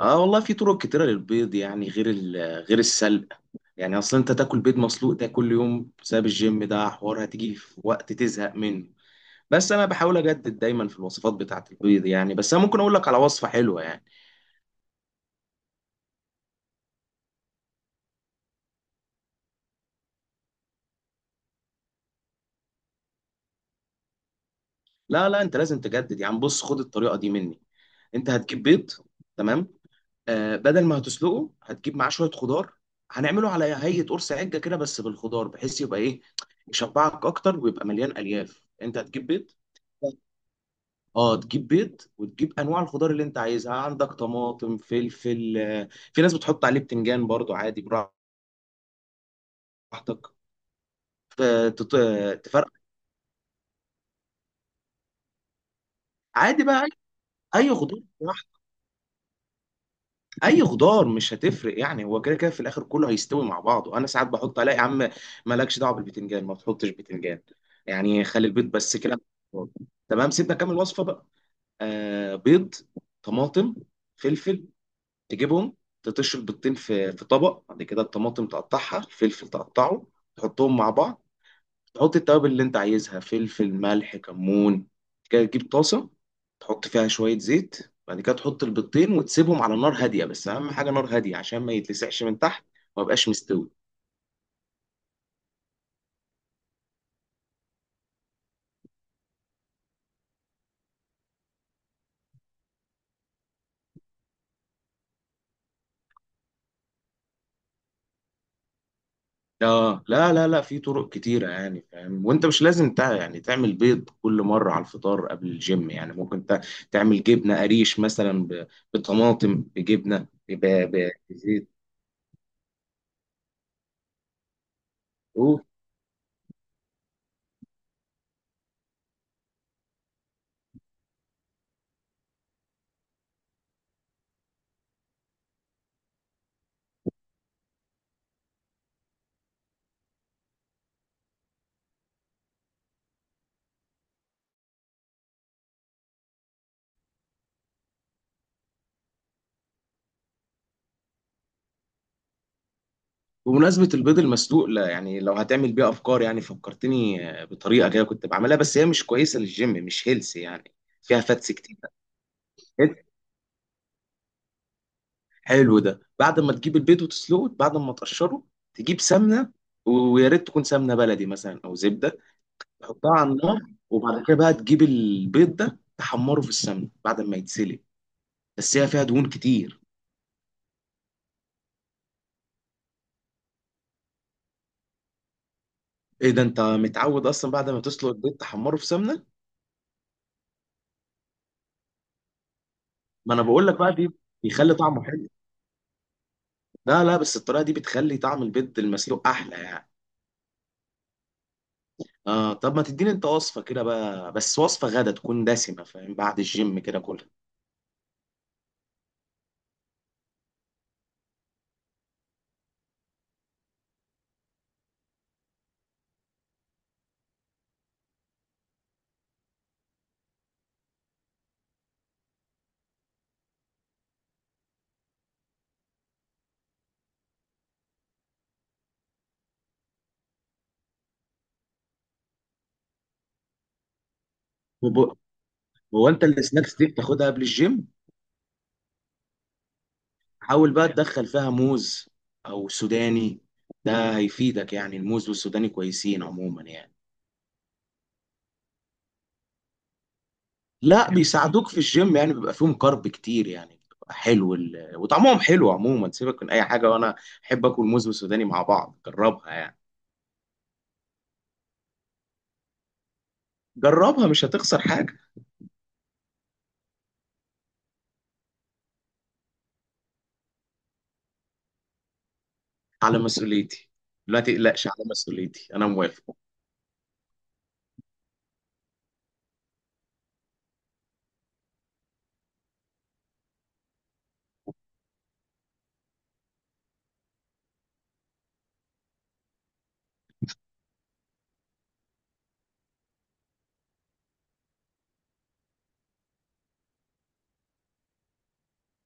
اه، والله في طرق كتيرة للبيض، يعني غير السلق. يعني اصلا انت تاكل بيض مسلوق ده كل يوم بسبب الجيم، ده حوار هتيجي في وقت تزهق منه. بس انا بحاول اجدد دايما في الوصفات بتاعة البيض، يعني بس انا ممكن اقول لك على وصفة حلوة يعني. لا لا، انت لازم تجدد، يعني بص خد الطريقة دي مني. انت هتجيب بيض، تمام. آه، بدل ما هتسلقه هتجيب معاه شوية خضار. هنعمله على هيئة قرص عجة كده بس بالخضار، بحيث يبقى ايه؟ يشبعك اكتر ويبقى مليان الياف. انت هتجيب بيض، اه تجيب بيض، وتجيب انواع الخضار اللي انت عايزها. عندك طماطم، فلفل، في ناس بتحط عليه بتنجان برضو عادي. براحتك. ف- تط- تفرق. عادي بقى، اي أي خضار براحتك. اي خضار مش هتفرق، يعني هو كده كده في الاخر كله هيستوي مع بعضه. انا ساعات بحط عليه، يا عم مالكش دعوه بالبتنجان، ما تحطش بتنجان، يعني خلي البيض بس كده. تمام، سيبنا كمل الوصفه بقى. آه، بيض، طماطم، فلفل، تجيبهم. تطش البيضتين في طبق. بعد كده الطماطم تقطعها، الفلفل تقطعه، تحطهم مع بعض. تحط التوابل اللي انت عايزها، فلفل، ملح، كمون. بعد كده تجيب طاسة، تحط فيها شوية زيت. بعد كده تحط البيضتين وتسيبهم على نار هادية، بس أهم حاجة نار هادية عشان ما يتلسعش من تحت وما يبقاش مستوي. اه لا لا لا، في طرق كتيرة يعني، فاهم؟ وانت مش لازم يعني تعمل بيض كل مرة على الفطار قبل الجيم. يعني ممكن تعمل جبنة قريش مثلا، بطماطم، بجبنة، بزيت. و- وبمناسبة البيض المسلوق، لا يعني لو هتعمل بيه أفكار، يعني فكرتني بطريقة كده كنت بعملها، بس هي مش كويسة للجيم، مش هيلثي يعني، فيها فاتس كتير. حلو، ده بعد ما تجيب البيض وتسلقه، بعد ما تقشره تجيب سمنة، ويا ريت تكون سمنة بلدي مثلا أو زبدة. تحطها على النار، وبعد كده بقى تجيب البيض ده تحمره في السمنه بعد ما يتسلق. بس هي فيها دهون كتير. ايه ده، انت متعود اصلا بعد ما تسلق البيض تحمره في سمنه؟ ما انا بقول لك بقى، دي بيخلي طعمه حلو. لا لا، بس الطريقه دي بتخلي طعم البيض المسلوق احلى يعني. اه، طب ما تديني انت وصفه كده بقى، بس وصفه غدا تكون دسمه، فاهم، بعد الجيم كده كلها. وب- هو انت السناكس دي بتاخدها قبل الجيم؟ حاول بقى تدخل فيها موز او سوداني، ده هيفيدك. يعني الموز والسوداني كويسين عموما يعني. لا، بيساعدوك في الجيم، يعني بيبقى فيهم كارب كتير، يعني بيبقى حلو وطعمهم حلو عموما. سيبك من اي حاجه، وانا احب اكل موز وسوداني مع بعض، جربها يعني. جربها مش هتخسر حاجه، على مسؤوليتي. لا تقلقش، على مسؤوليتي انا موافق.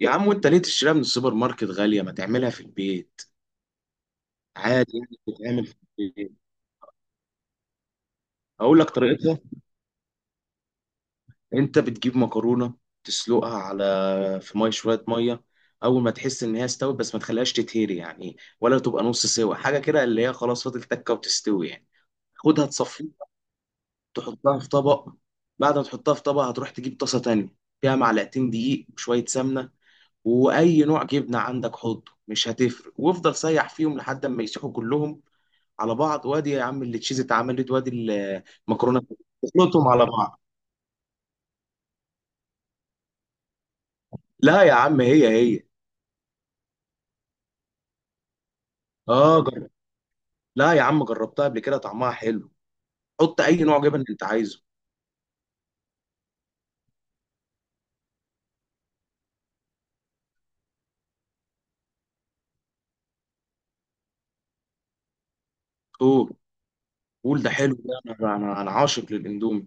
يا عم وانت ليه تشتريها من السوبر ماركت غاليه، ما تعملها في البيت. عادي يعني، بتتعمل في البيت. اقول لك طريقتها. انت بتجيب مكرونه، تسلقها على في ميه شويه ميه. اول ما تحس ان هي استوت، بس ما تخليهاش تتهري يعني، ولا تبقى نص سوا، حاجه كده اللي هي خلاص فاضل تكه وتستوي يعني. خدها تصفيها، تحطها في طبق. بعد ما تحطها في طبق هتروح تجيب طاسه تانية، فيها معلقتين دقيق وشويه سمنه. واي نوع جبنه عندك حطه، مش هتفرق، وافضل سيح فيهم لحد ما يسيحوا كلهم على بعض. وادي يا عم اللي تشيز اتعملت، وادي المكرونه. تخلطهم على بعض. لا يا عم، هي هي. اه، لا يا عم جربتها قبل كده، طعمها حلو. حط اي نوع جبن انت عايزه. قول، قول، ده حلو ده. انا عاشق للاندومي.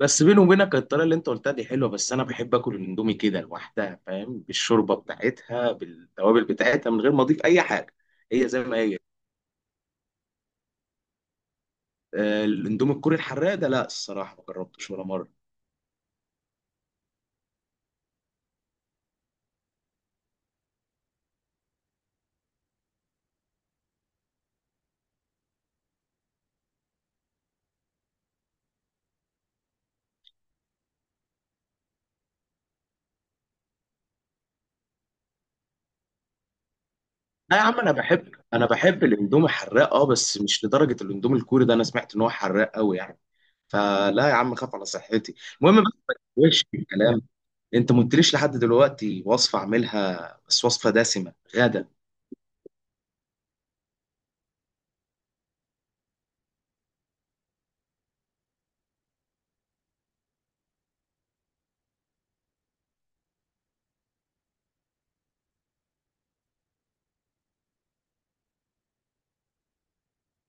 بس بيني وبينك الطريقه اللي انت قلتها دي حلوه، بس انا بحب اكل الاندومي كده لوحدها، فاهم، بالشوربه بتاعتها بالتوابل بتاعتها، من غير ما اضيف اي حاجه، هي زي ما هي. الاندومي الكوري الحراق ده، لا الصراحه ما جربتوش ولا مره. لا يا عم، انا بحب الاندومي الحراق اه، بس مش لدرجه الاندومي الكوري ده، انا سمعت ان هو حراق قوي يعني، فلا يا عم، خاف على صحتي. المهم بس ما تتوهش في الكلام، انت ما قلتليش لحد دلوقتي وصفه اعملها، بس وصفه دسمه غدا.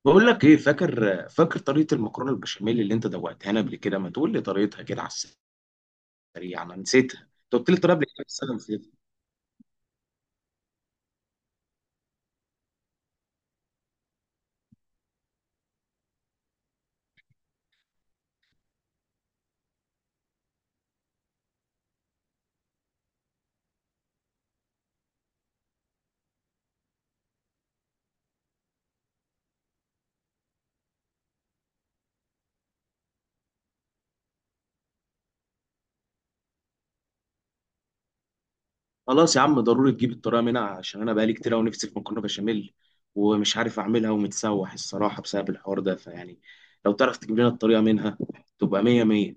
بقول لك ايه، فاكر طريقه المكرونه البشاميل اللي انت دوقتها لنا قبل كده؟ ما تقول لي طريقتها كده على السريع، انا نسيتها. انت قلت لي الطريقه قبل كده بس انا نسيتها. خلاص يا عم، ضروري تجيب الطريقه منها، عشان انا بقالي كتير قوي نفسي في مكرونه بشاميل، ومش عارف اعملها ومتسوح الصراحه بسبب الحوار ده، فيعني لو تعرف تجيب لنا الطريقه منها تبقى مية مية.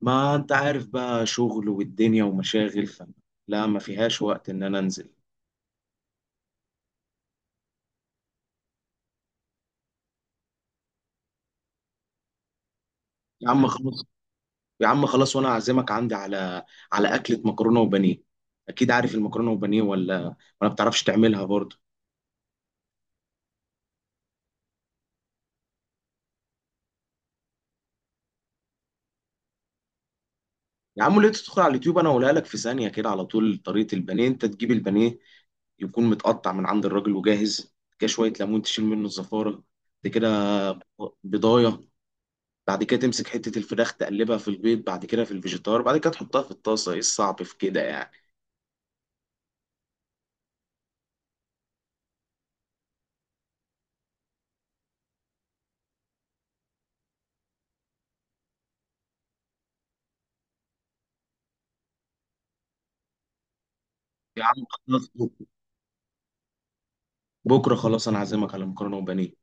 ما انت عارف بقى، شغل والدنيا ومشاغل لا ما فيهاش وقت ان انا انزل. يا عم خلاص، يا عم خلاص، وانا اعزمك عندي على، على اكله مكرونه وبانيه. اكيد عارف المكرونه وبانيه، ولا بتعرفش تعملها برضه؟ يا عم ليه تدخل على اليوتيوب، انا اقولها لك في ثانيه كده على طول. طريقه البانيه، انت تجيب البانيه يكون متقطع من عند الراجل وجاهز كده، شويه ليمون تشيل منه الزفاره، بعد كده بضايه. بعد كده تمسك حته الفراخ تقلبها في البيض، بعد كده في الفيجيتار، بعد كده تحطها في الطاسه. ايه الصعب في كده يعني؟ يا عم خلاص بكره، بكرة خلاص، انا عازمك على مكرونه وبانيه.